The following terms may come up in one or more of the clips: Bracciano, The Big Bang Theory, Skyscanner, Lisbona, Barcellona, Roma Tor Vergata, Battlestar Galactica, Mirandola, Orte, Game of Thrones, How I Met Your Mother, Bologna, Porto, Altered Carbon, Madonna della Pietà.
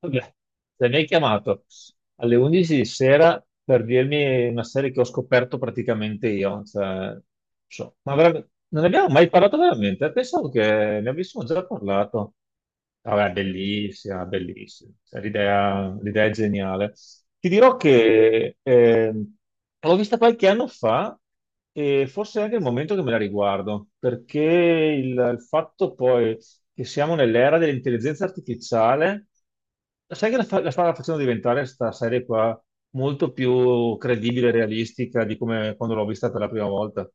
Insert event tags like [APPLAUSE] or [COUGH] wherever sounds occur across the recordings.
Vabbè, se mi hai chiamato alle 11 di sera per dirmi una serie che ho scoperto praticamente io, cioè, non ne abbiamo mai parlato veramente? Pensavo che ne avessimo già parlato. Vabbè, bellissima, bellissima, cioè, l'idea è geniale. Ti dirò che l'ho vista qualche anno fa e forse è anche il momento che me la riguardo, perché il fatto poi che siamo nell'era dell'intelligenza artificiale, sai che la stava facendo diventare questa serie qua molto più credibile e realistica di come quando l'ho vista per la prima volta.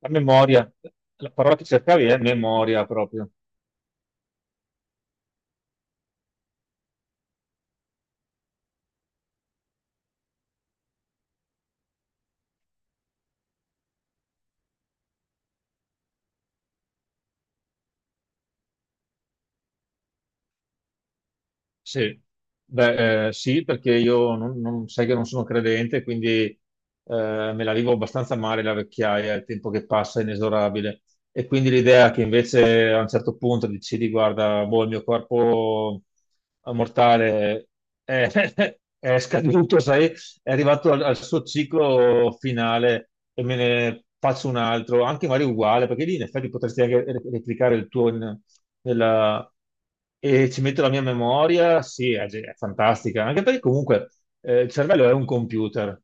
La memoria, la parola che cercavi è memoria proprio. Sì, beh, sì, perché io sai che non sono credente, quindi me la vivo abbastanza male la vecchiaia, il tempo che passa è inesorabile. E quindi l'idea che invece a un certo punto decidi, guarda, boh, il mio corpo mortale è, [LAUGHS] è scaduto, sai, è arrivato al suo ciclo finale e me ne faccio un altro, anche magari uguale, perché lì in effetti potresti anche replicare il tuo in- della- e ci metto la mia memoria, sì, è, è fantastica, anche perché comunque il cervello è un computer.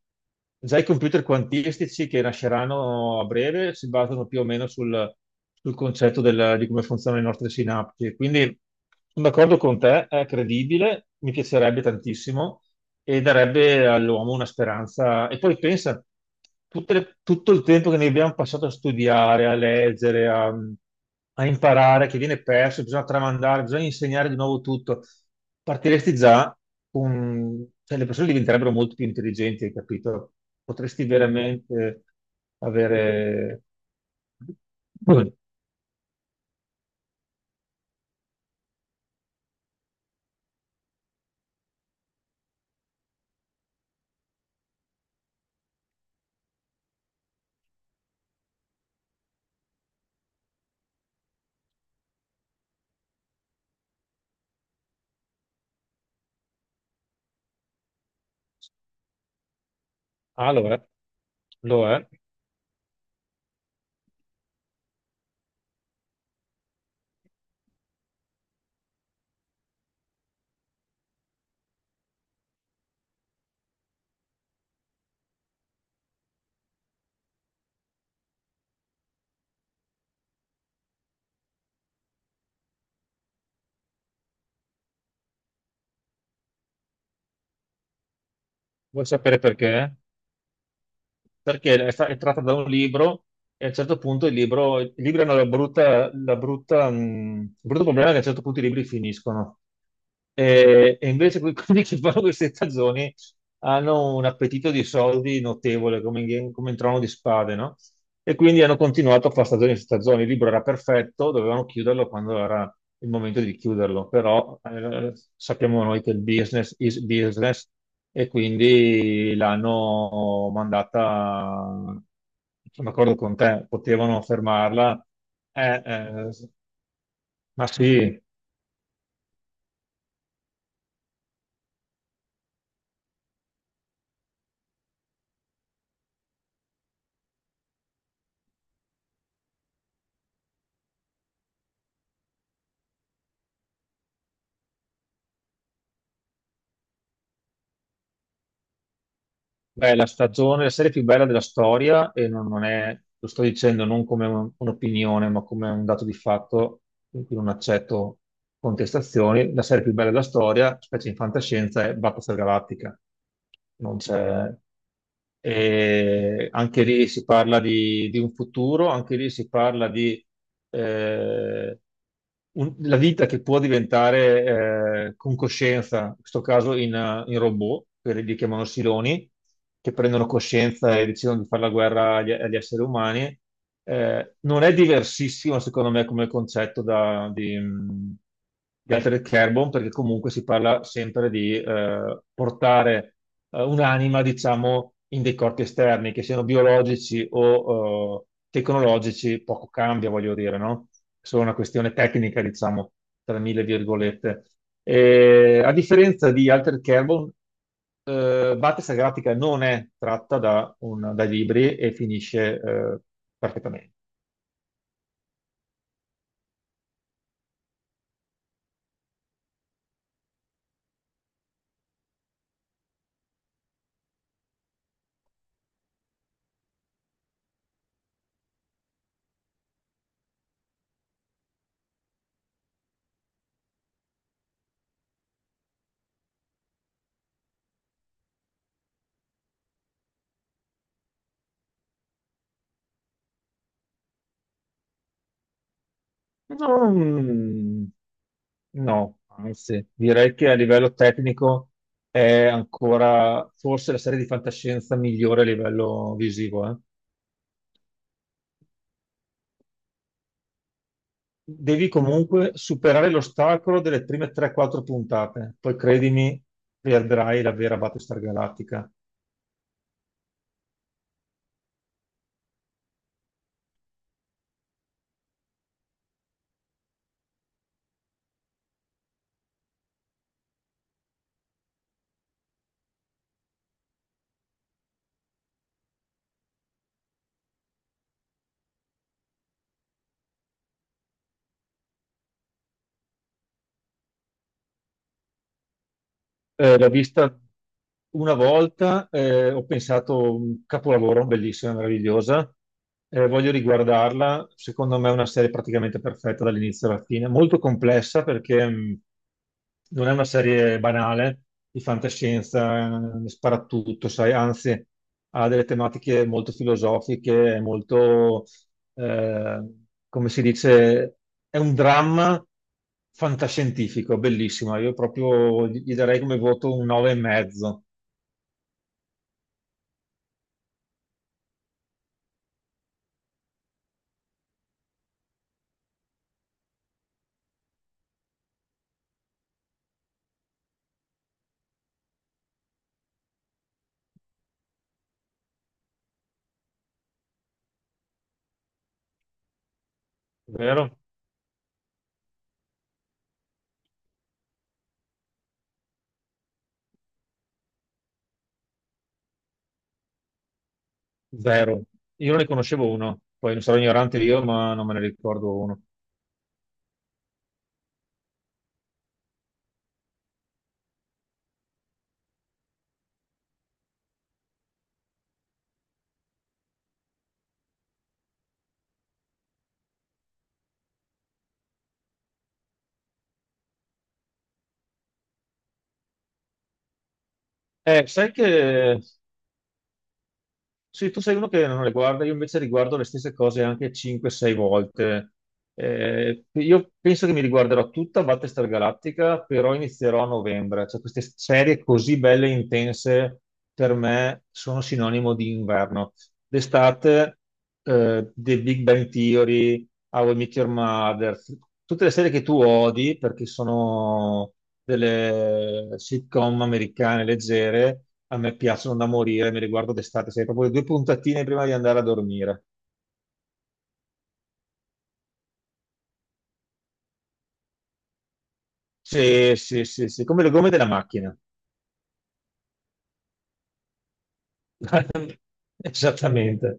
Già i computer quantistici che nasceranno a breve si basano più o meno sul concetto di come funzionano le nostre sinapsi. Quindi sono d'accordo con te, è credibile, mi piacerebbe tantissimo e darebbe all'uomo una speranza. E poi pensa, tutto il tempo che noi abbiamo passato a studiare, a leggere, a imparare, che viene perso, bisogna tramandare, bisogna insegnare di nuovo tutto. Partiresti già con, cioè le persone diventerebbero molto più intelligenti, hai capito? Potresti veramente avere... Allora, lo è. Lo è. Vuoi sapere perché? Perché è, è tratta da un libro e a un certo punto il libro, i libri hanno il brutto problema è che a un certo punto i libri finiscono. E invece [LAUGHS] quelli che fanno queste stagioni hanno un appetito di soldi notevole, come in, come in Trono di Spade, no? E quindi hanno continuato a fare stagioni su stagioni. Il libro era perfetto, dovevano chiuderlo quando era il momento di chiuderlo, però sappiamo noi che il business is business e quindi l'hanno mandata, sono d'accordo con te, potevano fermarla. Eh, eh, ma sì, beh, la serie più bella della storia, e non è, lo sto dicendo non come un'opinione, ma come un dato di fatto, in cui non accetto contestazioni, la serie più bella della storia, specie in fantascienza, è Battlestar Galactica. Non c'è... E anche lì si parla di un futuro, anche lì si parla di eh, la vita che può diventare con coscienza, in questo caso in, in robot, quelli li chiamano siloni, che prendono coscienza e decidono di fare la guerra agli esseri umani, non è diversissimo, secondo me, come concetto di Altered Carbon, perché comunque si parla sempre di portare un'anima, diciamo, in dei corpi esterni, che siano biologici o tecnologici, poco cambia, voglio dire, no? È solo una questione tecnica, diciamo, tra mille virgolette. A differenza di Altered Carbon, Battista Gratica non è tratta da dai libri e finisce perfettamente. Non- no, anzi, direi che a livello tecnico è ancora forse la serie di fantascienza migliore a livello visivo. Devi comunque superare l'ostacolo delle prime 3 o 4 puntate, poi credimi, vedrai la vera Battlestar Galactica. L'ho vista una volta, ho pensato un capolavoro, bellissima, meravigliosa. Voglio riguardarla. Secondo me è una serie praticamente perfetta dall'inizio alla fine, molto complessa perché non è una serie banale di fantascienza, sparatutto, sai, anzi ha delle tematiche molto filosofiche, molto eh, come si dice, è un dramma fantascientifico, bellissimo. Io proprio gli darei come voto un 9 e mezzo. Vero? Vero. Io ne conoscevo uno, poi non sarò ignorante io, ma non me ne ricordo uno. Sai che sì, tu sei uno che non le guarda, io invece riguardo le stesse cose anche 5 o 6 volte. Io penso che mi riguarderò tutta Battlestar Galactica, però inizierò a novembre. Cioè, queste serie così belle e intense per me sono sinonimo di inverno. D'estate, The Big Bang Theory, How I Met Your Mother, tutte le serie che tu odi perché sono delle sitcom americane leggere, a me piacciono da morire, me le guardo d'estate, sai, proprio due puntatine prima di andare a dormire. Sì, sì, sì, sì, come le gomme della macchina, [LAUGHS] esattamente.